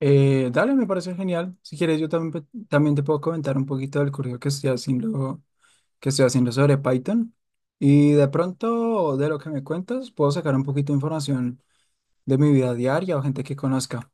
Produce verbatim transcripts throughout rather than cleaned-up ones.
Eh, dale, me parece genial. Si quieres, yo también, pe- también te puedo comentar un poquito del curso que estoy haciendo, que estoy haciendo sobre Python. Y de pronto, de lo que me cuentas, puedo sacar un poquito de información de mi vida diaria o gente que conozca.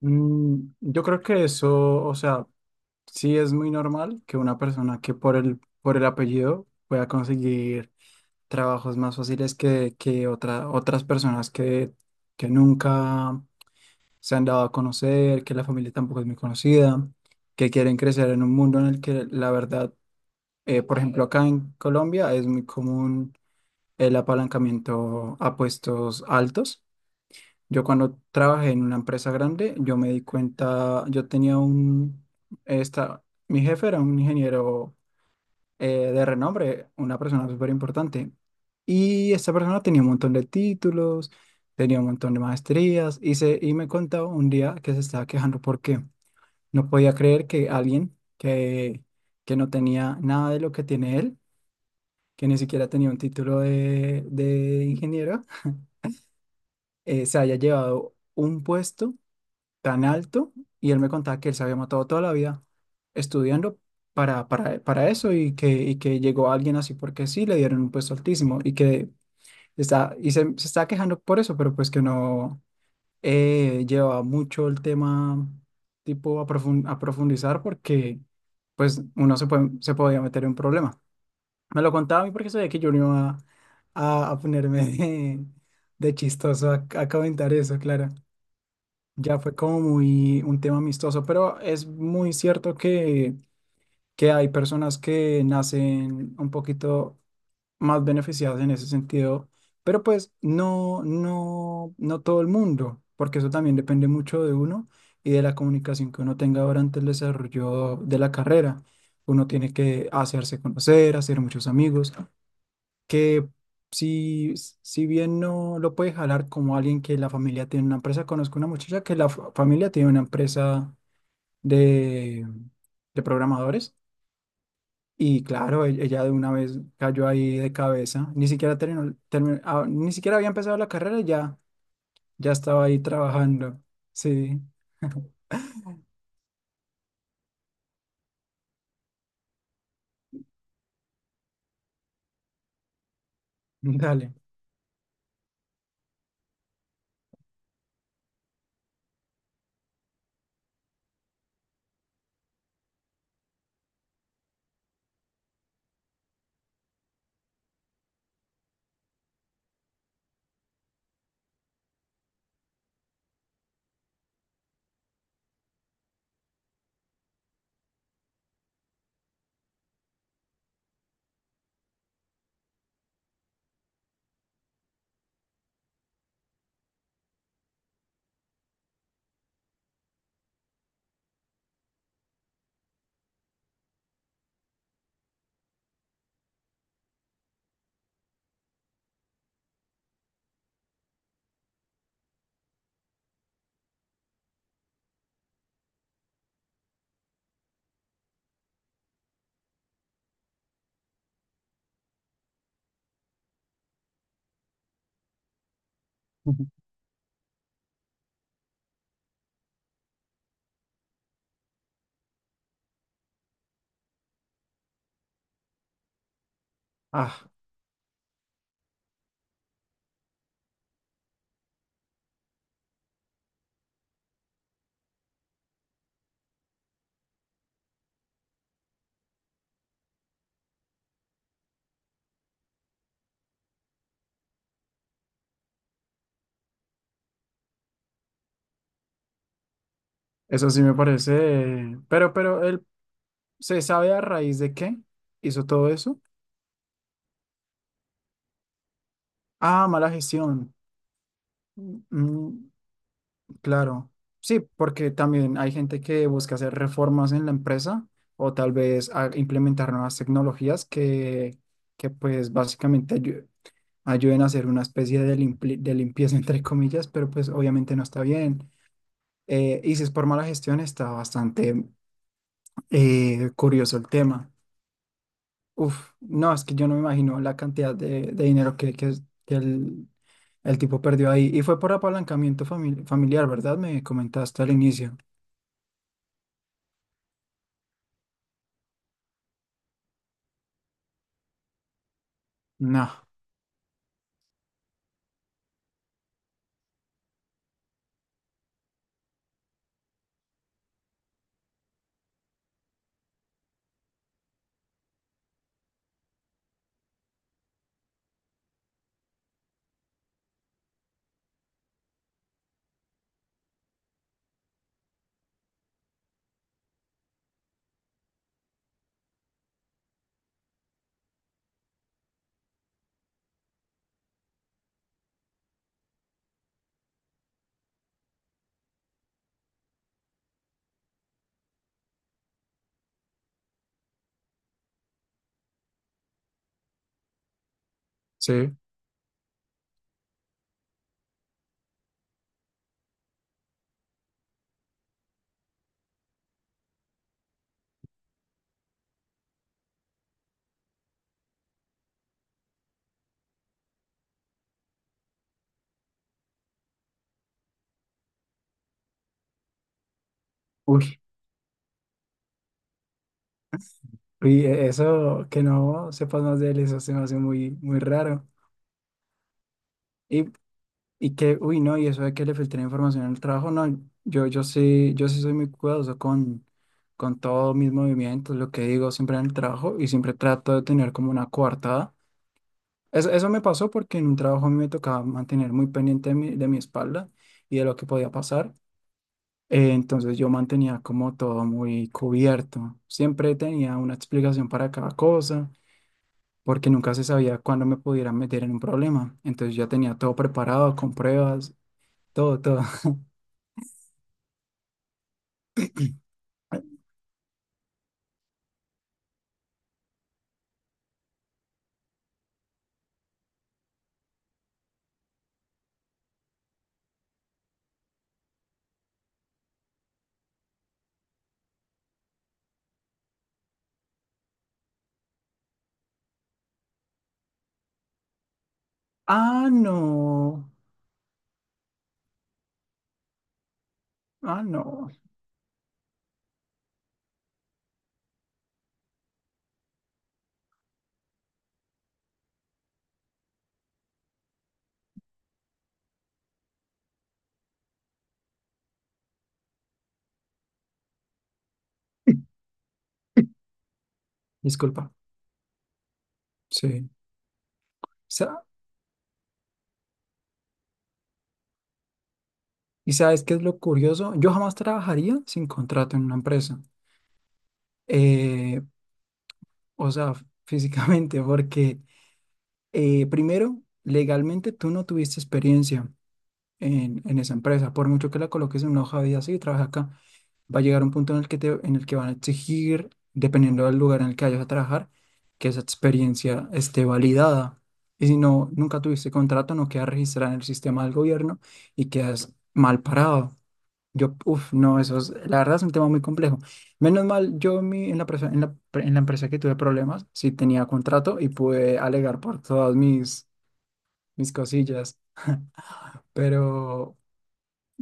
Mm, yo creo que eso, o sea, sí es muy normal que una persona que por el, por el apellido pueda conseguir trabajos más fáciles que, que otra, otras personas que, que nunca se han dado a conocer, que la familia tampoco es muy conocida, que quieren crecer en un mundo en el que la verdad, eh, por ejemplo, acá en Colombia es muy común el apalancamiento a puestos altos. Yo cuando trabajé en una empresa grande, yo me di cuenta, yo tenía un, esta, mi jefe era un ingeniero eh, de renombre, una persona súper importante. Y esta persona tenía un montón de títulos, tenía un montón de maestrías y, se, y me contaba un día que se estaba quejando porque no podía creer que alguien que, que no tenía nada de lo que tiene él, que ni siquiera tenía un título de, de ingeniero, eh, se haya llevado un puesto tan alto, y él me contaba que él se había matado toda la vida estudiando para, para, para eso, y que, y que llegó alguien así porque sí, le dieron un puesto altísimo y que está, y se, se está quejando por eso, pero pues que no eh, lleva mucho el tema tipo a, profun- a profundizar porque pues uno se, puede, se podía meter en un problema. Me lo contaba a mí porque sabía que yo no iba a, a- a ponerme de, de chistoso a, a comentar eso, claro. Ya fue como muy un tema amistoso, pero es muy cierto que, que hay personas que nacen un poquito más beneficiadas en ese sentido, pero pues no, no, no todo el mundo, porque eso también depende mucho de uno y de la comunicación que uno tenga durante el desarrollo de la carrera. Uno tiene que hacerse conocer, hacer muchos amigos que si, si bien no lo puede jalar como alguien que la familia tiene una empresa. Conozco una muchacha que la fa- familia tiene una empresa de, de programadores, y claro, e- ella de una vez cayó ahí de cabeza. Ni siquiera terminó, termi- ah, ni siquiera había empezado la carrera y ya, ya estaba ahí trabajando. Sí. Dale. Ujú. Ah, eso sí me parece, pero, pero él, se sabe a raíz de qué hizo todo eso. Ah, mala gestión. Mm, Claro, sí, porque también hay gente que busca hacer reformas en la empresa o tal vez a- implementar nuevas tecnologías que, que pues básicamente ayu- ayuden a hacer una especie de, limpli- de limpieza entre comillas, pero pues obviamente no está bien. Eh, y si es por mala gestión, está bastante eh, curioso el tema. Uf, no, es que yo no me imagino la cantidad de, de dinero que, que, que el, el tipo perdió ahí. Y fue por apalancamiento famili- familiar, ¿verdad? Me comentaste al inicio. No. Sí. Uy, uy, e- eso que no sepas más de él, eso se me hace muy, muy raro. Y, y que, uy, no, y eso de que le filtré información al trabajo, no, yo, yo sí, yo sí soy muy cuidadoso con, con todos mis movimientos, lo que digo siempre en el trabajo, y siempre trato de tener como una coartada. Eso, eso me pasó porque en un trabajo a mí me tocaba mantener muy pendiente de mi, de mi espalda y de lo que podía pasar. Eh, Entonces yo mantenía como todo muy cubierto. Siempre tenía una explicación para cada cosa, porque nunca se sabía cuándo me pudiera meter en un problema. Entonces ya tenía todo preparado, con pruebas, todo, todo. Ah, no, ah, no. Disculpa. Sí. Sa- ¿Y sabes qué es lo curioso? Yo jamás trabajaría sin contrato en una empresa. Eh, o sea, f- físicamente, porque eh, primero, legalmente tú no tuviste experiencia en, en esa empresa, por mucho que la coloques en una hoja de vida, sí, trabaja acá. Va a llegar un punto en el que te, en el que van a exigir, dependiendo del lugar en el que vayas a trabajar, que esa experiencia esté validada. Y si no, nunca tuviste contrato, no queda registrada en el sistema del gobierno y quedas mal parado. Yo, uff, no, eso es, la verdad es un tema muy complejo. Menos mal, yo en mi, en la, presa- en la, pre- en la empresa que tuve problemas, sí tenía contrato y pude alegar por todas mis, mis cosillas. Pero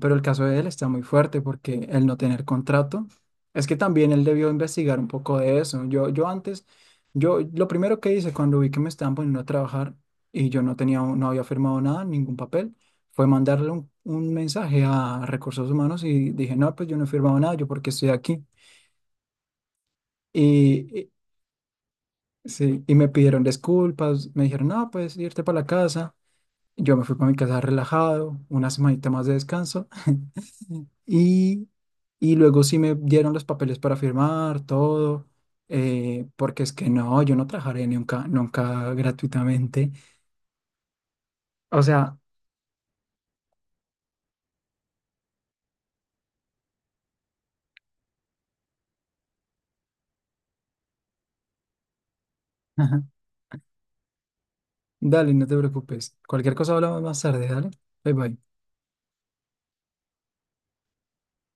pero el caso de él está muy fuerte porque el no tener contrato, es que también él debió investigar un poco de eso. Yo, yo antes, yo lo primero que hice cuando vi que me estaban poniendo a trabajar y yo no tenía, un- no había firmado nada, ningún papel, fue mandarle un, un mensaje a Recursos Humanos y dije, no, pues yo no he firmado nada, yo porque estoy aquí. Y, y, sí, y me pidieron disculpas, me dijeron, no, pues irte para la casa. Yo me fui para mi casa relajado, una semanita más de descanso. Y, y luego sí me dieron los papeles para firmar, todo, eh, porque es que no, yo no trabajaré nunca, nunca gratuitamente. O sea, ajá, dale, no te preocupes. Cualquier cosa hablamos más tarde, dale. Bye bye.